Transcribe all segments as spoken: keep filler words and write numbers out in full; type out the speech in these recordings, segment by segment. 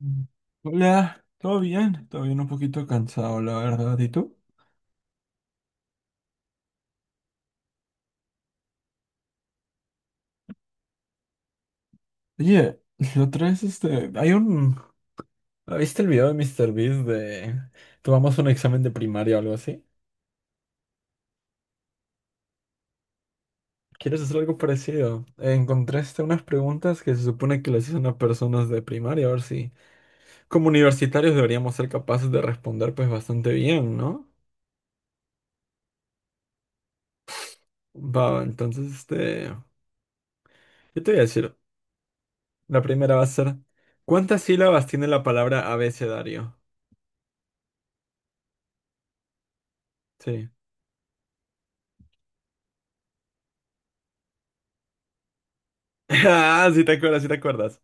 Mm. Hola, ¿todo bien? Todo bien, un poquito cansado, la verdad. ¿Y tú? Oye, la otra vez, este, hay un... ¿Viste el video de MrBeast de... Tomamos un examen de primaria o algo así? ¿Quieres hacer algo parecido? Encontraste unas preguntas que se supone que les hacen a personas de primaria, a ver si... Como universitarios deberíamos ser capaces de responder pues bastante bien, ¿no? Va, entonces, este... Yo te voy a decir, la primera va a ser... ¿Cuántas sílabas tiene la palabra abecedario? Sí. Ah, sí te acuerdas, sí te acuerdas.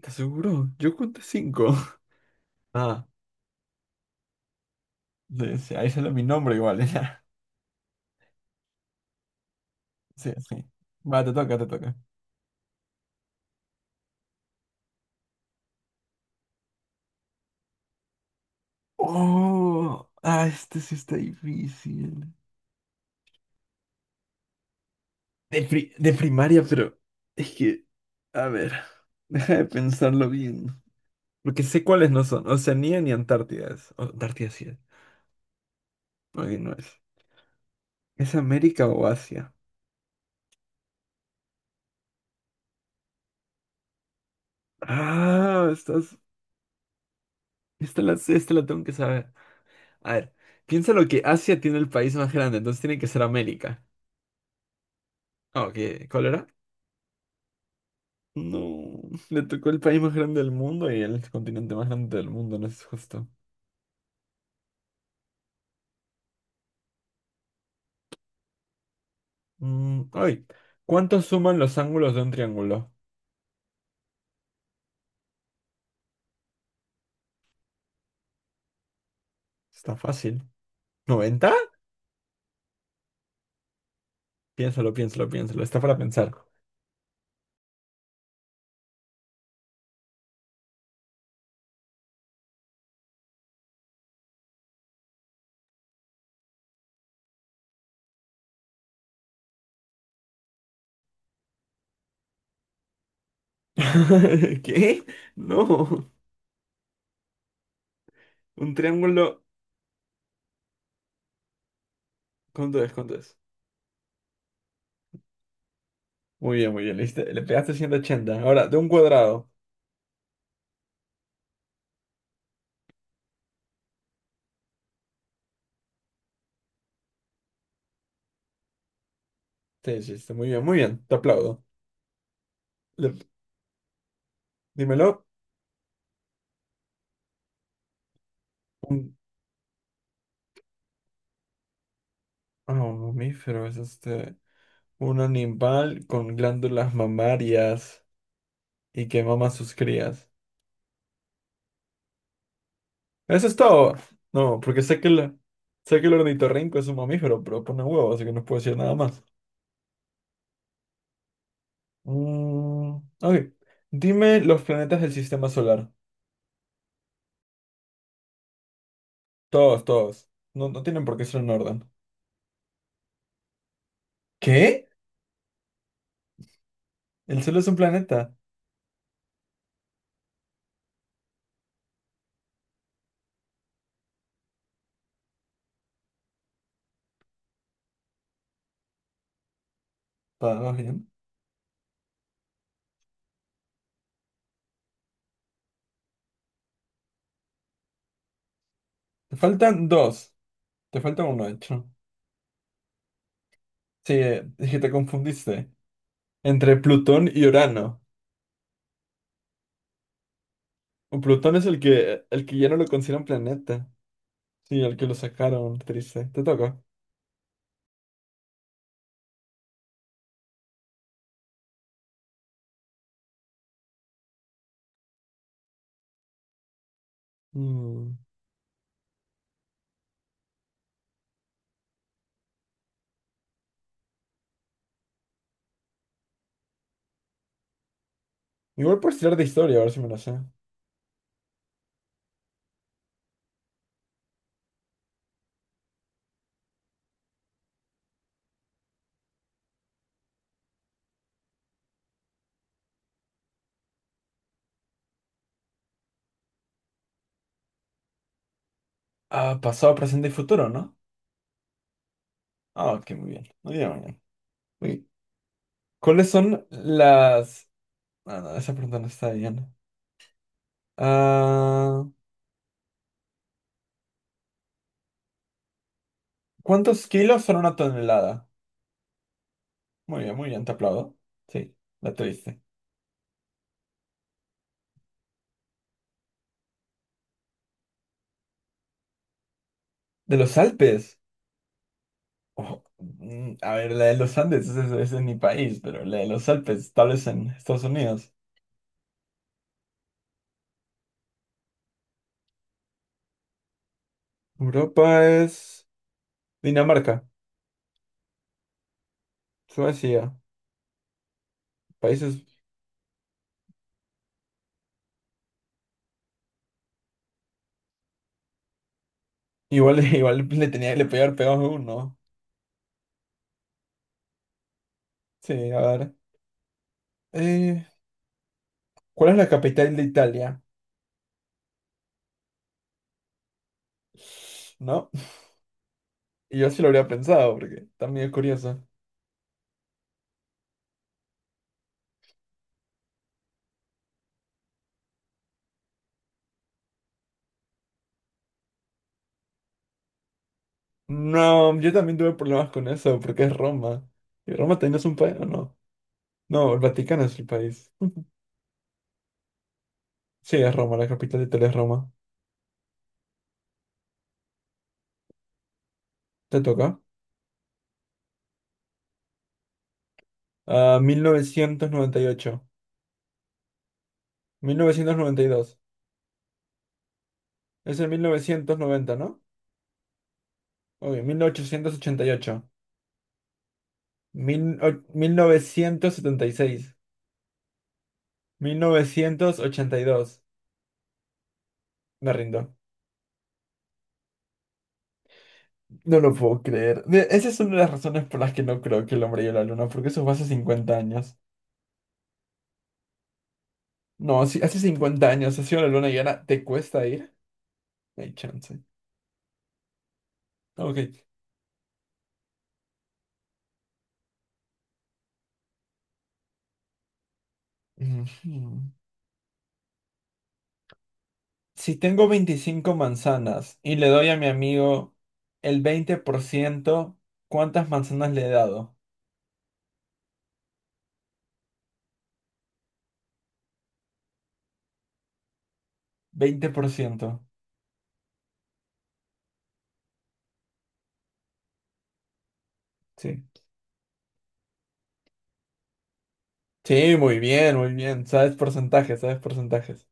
¿Te aseguro? Yo conté cinco. Ah, sí, sí, ahí sale mi nombre igual, ya. Sí, sí. Va, te toca, te toca. Oh, ah, este sí está difícil. De, pri- de primaria, pero es que, a ver, deja de pensarlo bien. Porque sé cuáles no son, Oceanía ni Antártida es. O- Antártida sí es. No, ahí no es. ¿Es América o Asia? Ah, estás... Esta la, esta la tengo que saber. A ver, piensa lo que Asia tiene el país más grande, entonces tiene que ser América. Ah, ok, ¿cuál era? No, le tocó el país más grande del mundo y el continente más grande del mundo, no es justo. Mm, ay, ¿cuántos suman los ángulos de un triángulo? Está fácil. ¿noventa? Piénsalo, piénsalo, piénsalo, está para pensar. ¿Qué? No, un triángulo, ¿cuánto es? ¿Cuánto es? Muy bien, muy bien, le, diste- le pegaste ciento ochenta. Ahora, de un cuadrado. Sí, sí, sí, muy bien, muy bien, te aplaudo. Le- dímelo. Ah, un mamífero es este, un animal con glándulas mamarias y que mama a sus crías. Eso es todo. No, porque sé que el, sé que el ornitorrinco es un mamífero, pero pone huevo, así que no puedo decir nada más. Mm, ok. Dime los planetas del sistema solar. Todos, todos. No, no tienen por qué ser en orden. ¿Qué? ¿El Sol es un planeta? Va, va bien. Te faltan dos. Te falta uno, de hecho. Sí, eh, es que te confundiste. Entre Plutón y Urano. O Plutón es el que, el que ya no lo consideran planeta. Sí, el que lo sacaron, triste. Te toca. Mm. Igual puedes tirar de historia, a ver si me lo sé. Ah, pasado, presente y futuro, ¿no? Ah, ok, muy bien. Muy bien, muy bien. Muy ¿Cuáles son las... Ah, no, esa pregunta no está bien. Ah, ¿cuántos kilos son una tonelada? Muy bien, muy bien, te aplaudo. Sí, la tuviste. ¿De los Alpes? Oh, mm, a ver, la de los Andes, ese es, ese es mi país, pero la de los Alpes, tal vez en Estados Unidos. Europa es Dinamarca, Suecia, países igual, igual le tenía le pegar pegado a uno. Sí, a ver. Eh, ¿cuál es la capital de Italia? ¿No? Y yo sí lo habría pensado, porque también es curioso. No, yo también tuve problemas con eso, porque es Roma. ¿Y Roma también es un país o no? No, el Vaticano es el país. Sí, es Roma, la capital de Italia es Roma. ¿Te toca? Ah, mil novecientos noventa y ocho. Mil novecientos noventa y dos. Es el mil novecientos noventa, ¿no? Uy, mil ochocientos ochenta y ocho, mil o- mil novecientos setenta y seis, mil novecientos ochenta y dos. Me rindo. No lo puedo creer. De- esa es una de las razones por las que no creo que el hombre llegue a la luna, porque eso fue hace cincuenta años. No, si hace cincuenta años ha sido la luna llena, ¿te cuesta ir? No hay chance. Ok. Ujú. Si tengo veinticinco manzanas y le doy a mi amigo el veinte por ciento, ¿cuántas manzanas le he dado? Veinte por ciento. Sí. Sí, muy bien, muy bien. Sabes porcentajes, sabes porcentajes.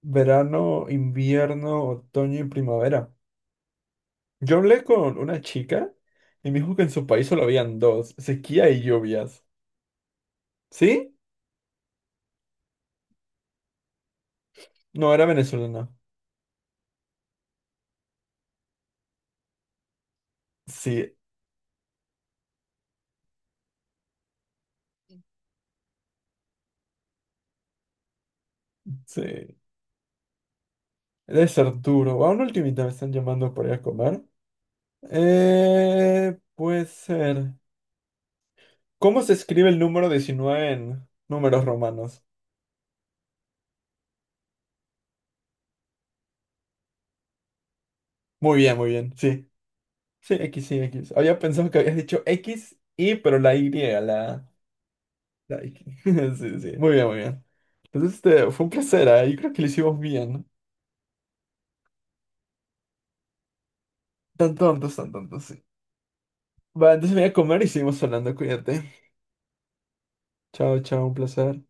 Verano, invierno, otoño y primavera. Yo hablé con una chica y me dijo que en su país solo habían dos, sequía y lluvias. ¿Sí? No, era venezolana. Sí, sí. Debe ser duro. A una ultimita me están llamando por ir a comer. Eh, puede ser. ¿Cómo se escribe el número diecinueve en números romanos? Muy bien, muy bien, sí. Sí, X, sí, X. Había pensado que habías dicho X, Y, pero la Y, la, la X. Sí, sí. Muy bien, muy bien. Entonces, este, fue un placer, ¿eh? Yo creo que lo hicimos bien. Tan tontos, tan tontos, sí. Va, entonces me voy a comer y seguimos hablando. Cuídate. Chao, chao, un placer.